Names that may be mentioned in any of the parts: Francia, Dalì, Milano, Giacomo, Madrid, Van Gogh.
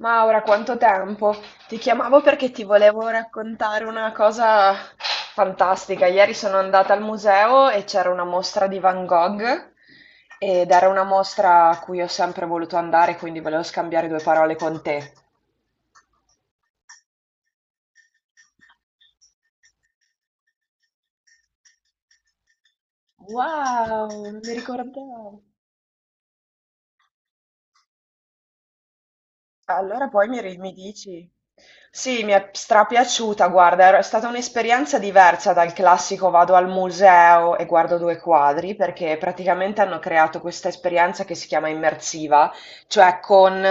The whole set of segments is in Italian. Maura, quanto tempo! Ti chiamavo perché ti volevo raccontare una cosa fantastica. Ieri sono andata al museo e c'era una mostra di Van Gogh ed era una mostra a cui ho sempre voluto andare, quindi volevo scambiare due parole con te. Wow, non mi ricordavo. Allora poi mi dici? Sì, mi è strapiaciuta, guarda, è stata un'esperienza diversa dal classico vado al museo e guardo due quadri, perché praticamente hanno creato questa esperienza che si chiama immersiva, cioè con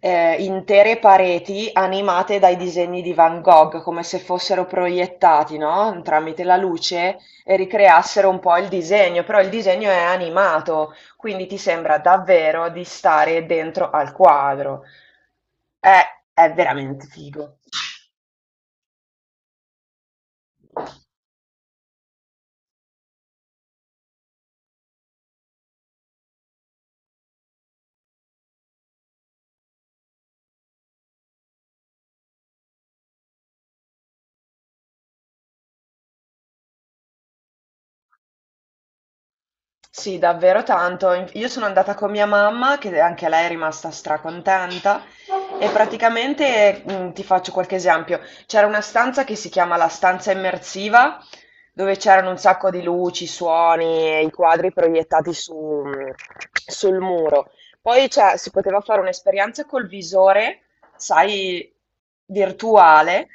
intere pareti animate dai disegni di Van Gogh, come se fossero proiettati, no? Tramite la luce e ricreassero un po' il disegno, però il disegno è animato, quindi ti sembra davvero di stare dentro al quadro. Eh, è veramente figo. Sì, davvero tanto. Io sono andata con mia mamma, che anche lei è rimasta stracontenta, e praticamente ti faccio qualche esempio. C'era una stanza che si chiama la stanza immersiva, dove c'erano un sacco di luci, suoni e i quadri proiettati sul muro. Poi cioè, si poteva fare un'esperienza col visore, sai, virtuale.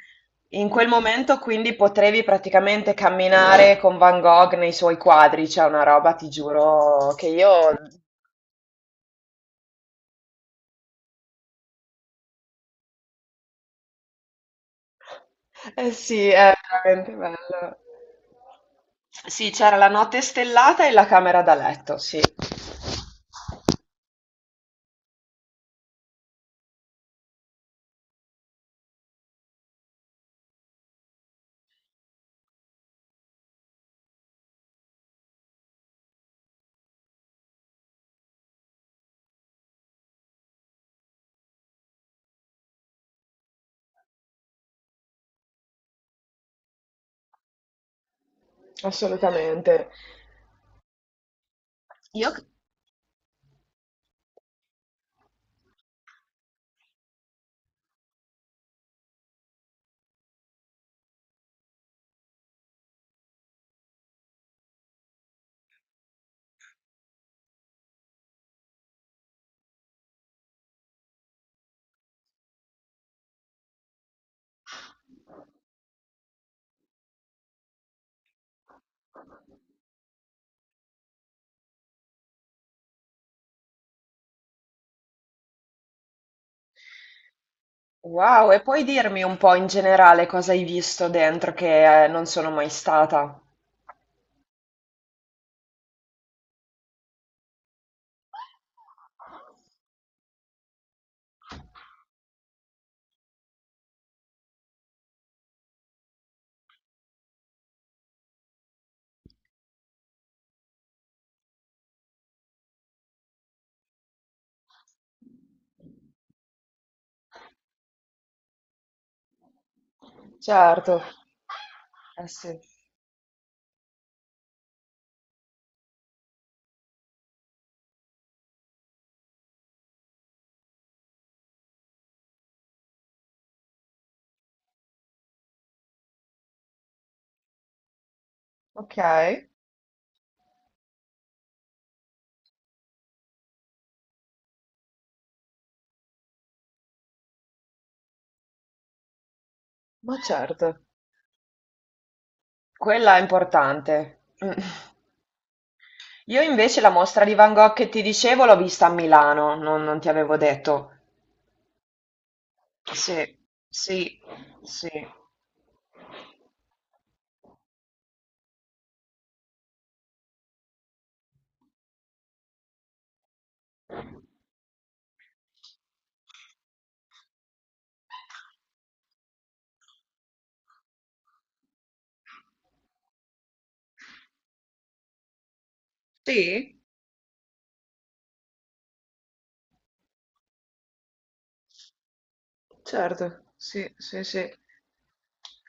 In quel momento quindi potevi praticamente camminare con Van Gogh nei suoi quadri, c'è una roba, ti giuro, che io... Eh sì, è veramente bello. Sì, c'era la notte stellata e la camera da letto, sì, assolutamente. Io... Wow, e puoi dirmi un po' in generale cosa hai visto dentro che non sono mai stata? Certo. Eh sì. Okay, ma certo. Quella è importante. Mh. Io invece la mostra di Van Gogh che ti dicevo l'ho vista a Milano, non ti avevo detto. Sì, sì, sì. Sì? Certo, sì, sì, sì.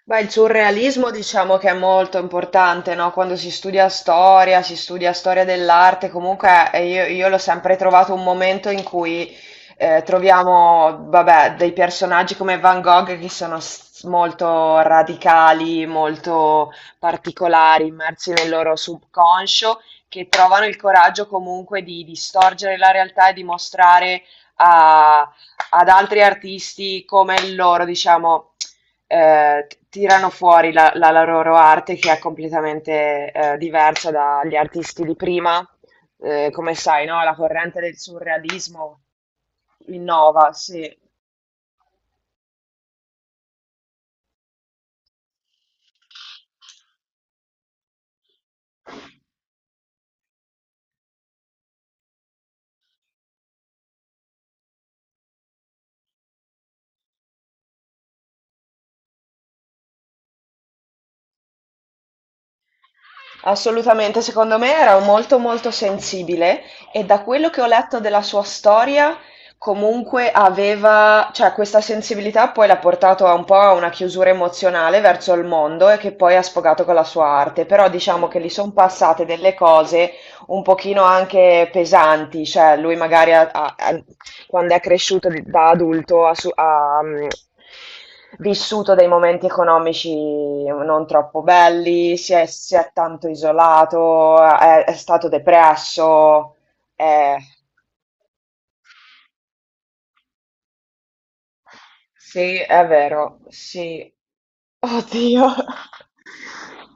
Beh, il surrealismo diciamo che è molto importante, no? Quando si studia storia dell'arte, comunque io l'ho sempre trovato un momento in cui troviamo, vabbè, dei personaggi come Van Gogh che sono molto radicali, molto particolari, immersi nel loro subconscio, che trovano il coraggio comunque di distorcere la realtà e di mostrare a ad altri artisti come il loro, diciamo, tirano fuori la loro arte che è completamente diversa dagli artisti di prima. Come sai, no? La corrente del surrealismo innova, sì. Assolutamente, secondo me era molto sensibile e da quello che ho letto della sua storia, comunque aveva, cioè questa sensibilità poi l'ha portato a un po' a una chiusura emozionale verso il mondo e che poi ha sfogato con la sua arte, però diciamo che gli sono passate delle cose un pochino anche pesanti, cioè lui magari ha- quando è cresciuto da adulto ha, vissuto dei momenti economici non troppo belli, si è tanto isolato, è stato depresso. Eh. Sì, è vero, sì. Oddio.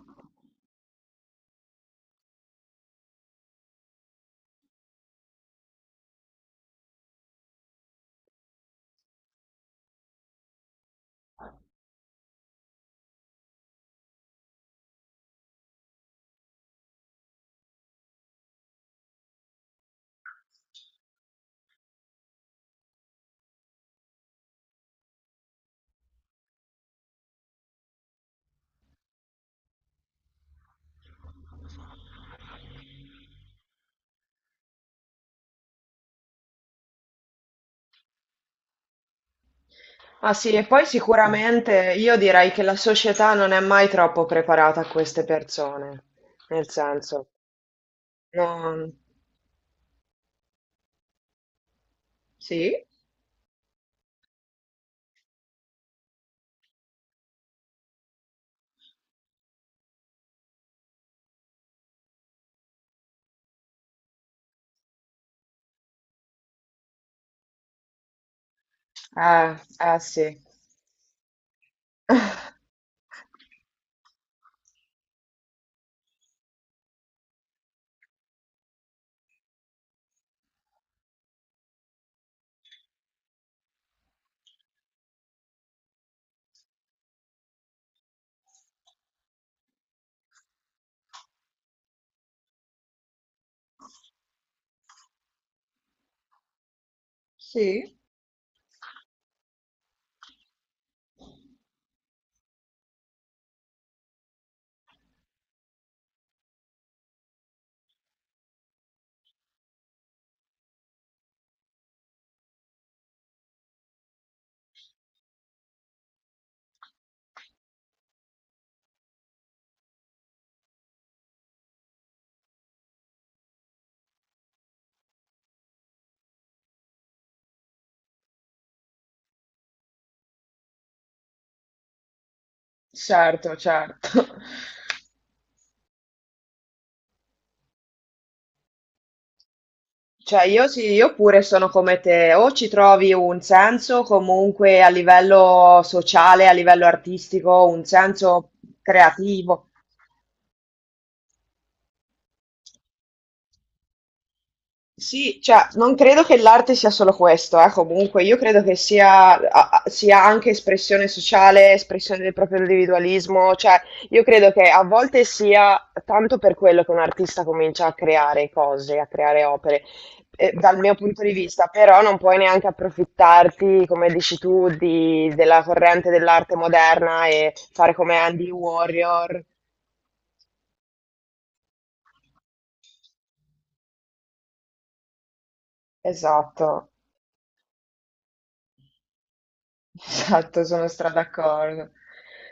Ah sì, e poi sicuramente io direi che la società non è mai troppo preparata a queste persone, nel senso, non... Sì? Eh sì. Sì, certo, certo. Cioè io sì, io pure sono come te, o ci trovi un senso comunque a livello sociale, a livello artistico, un senso creativo. Sì, cioè, non credo che l'arte sia solo questo, comunque, io credo che sia, sia anche espressione sociale, espressione del proprio individualismo, cioè, io credo che a volte sia tanto per quello che un artista comincia a creare cose, a creare opere, dal mio punto di vista, però non puoi neanche approfittarti, come dici tu, della corrente dell'arte moderna e fare come Andy Warrior. Esatto. Esatto, sono stra d'accordo.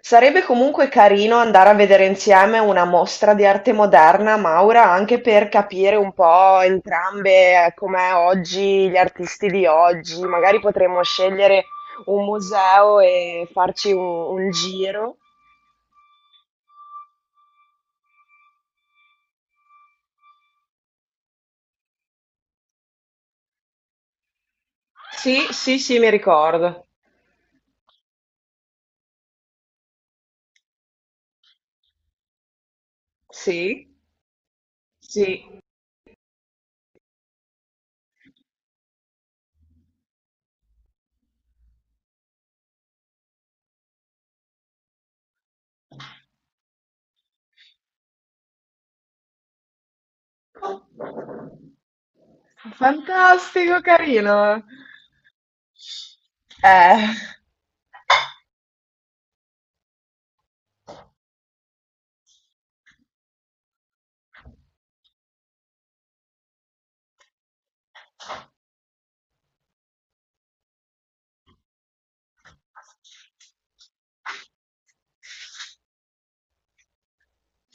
Sarebbe comunque carino andare a vedere insieme una mostra di arte moderna, Maura, anche per capire un po' entrambe com'è oggi, gli artisti di oggi. Magari potremmo scegliere un museo e farci un giro. Sì, sì, sì, mi ricordo. Sì, sì. Fantastico, carino. Eh.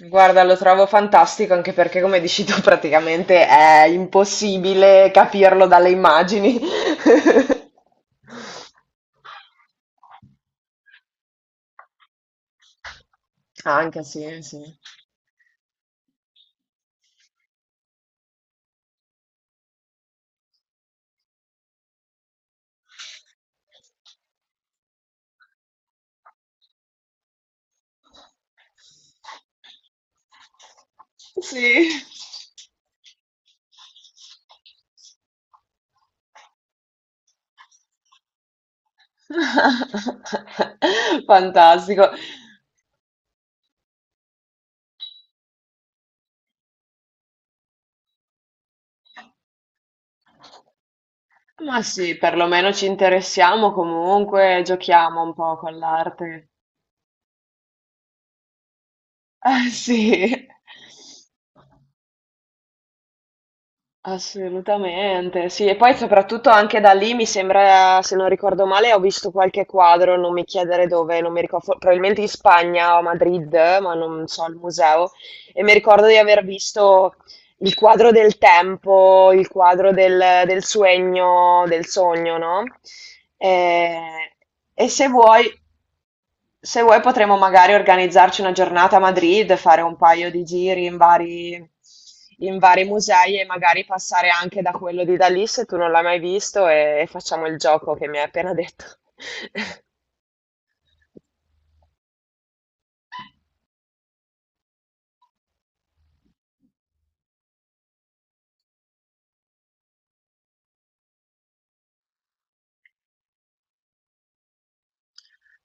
Guarda, lo trovo fantastico anche perché, come dici tu, praticamente è impossibile capirlo dalle immagini. Anche sì, sì. Sì. Fantastico. Ma sì, perlomeno ci interessiamo comunque, giochiamo un po' con l'arte. Eh sì. Assolutamente, sì, e poi soprattutto anche da lì mi sembra, se non ricordo male, ho visto qualche quadro, non mi chiedere dove, non mi ricordo, probabilmente in Spagna o a Madrid, ma non so, al museo, e mi ricordo di aver visto il quadro del tempo, il quadro del sogno, no? E, e se vuoi... Se vuoi potremmo magari organizzarci una giornata a Madrid, fare un paio di giri in vari musei e magari passare anche da quello di Dalì se tu non l'hai mai visto e facciamo il gioco che mi hai appena detto.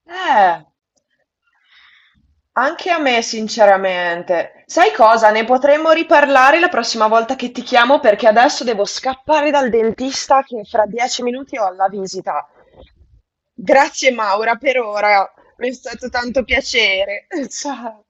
Eh, anche a me, sinceramente. Sai cosa? Ne potremmo riparlare la prossima volta che ti chiamo perché adesso devo scappare dal dentista che fra 10 minuti ho la visita. Grazie Maura per ora, mi è stato tanto piacere. Ciao.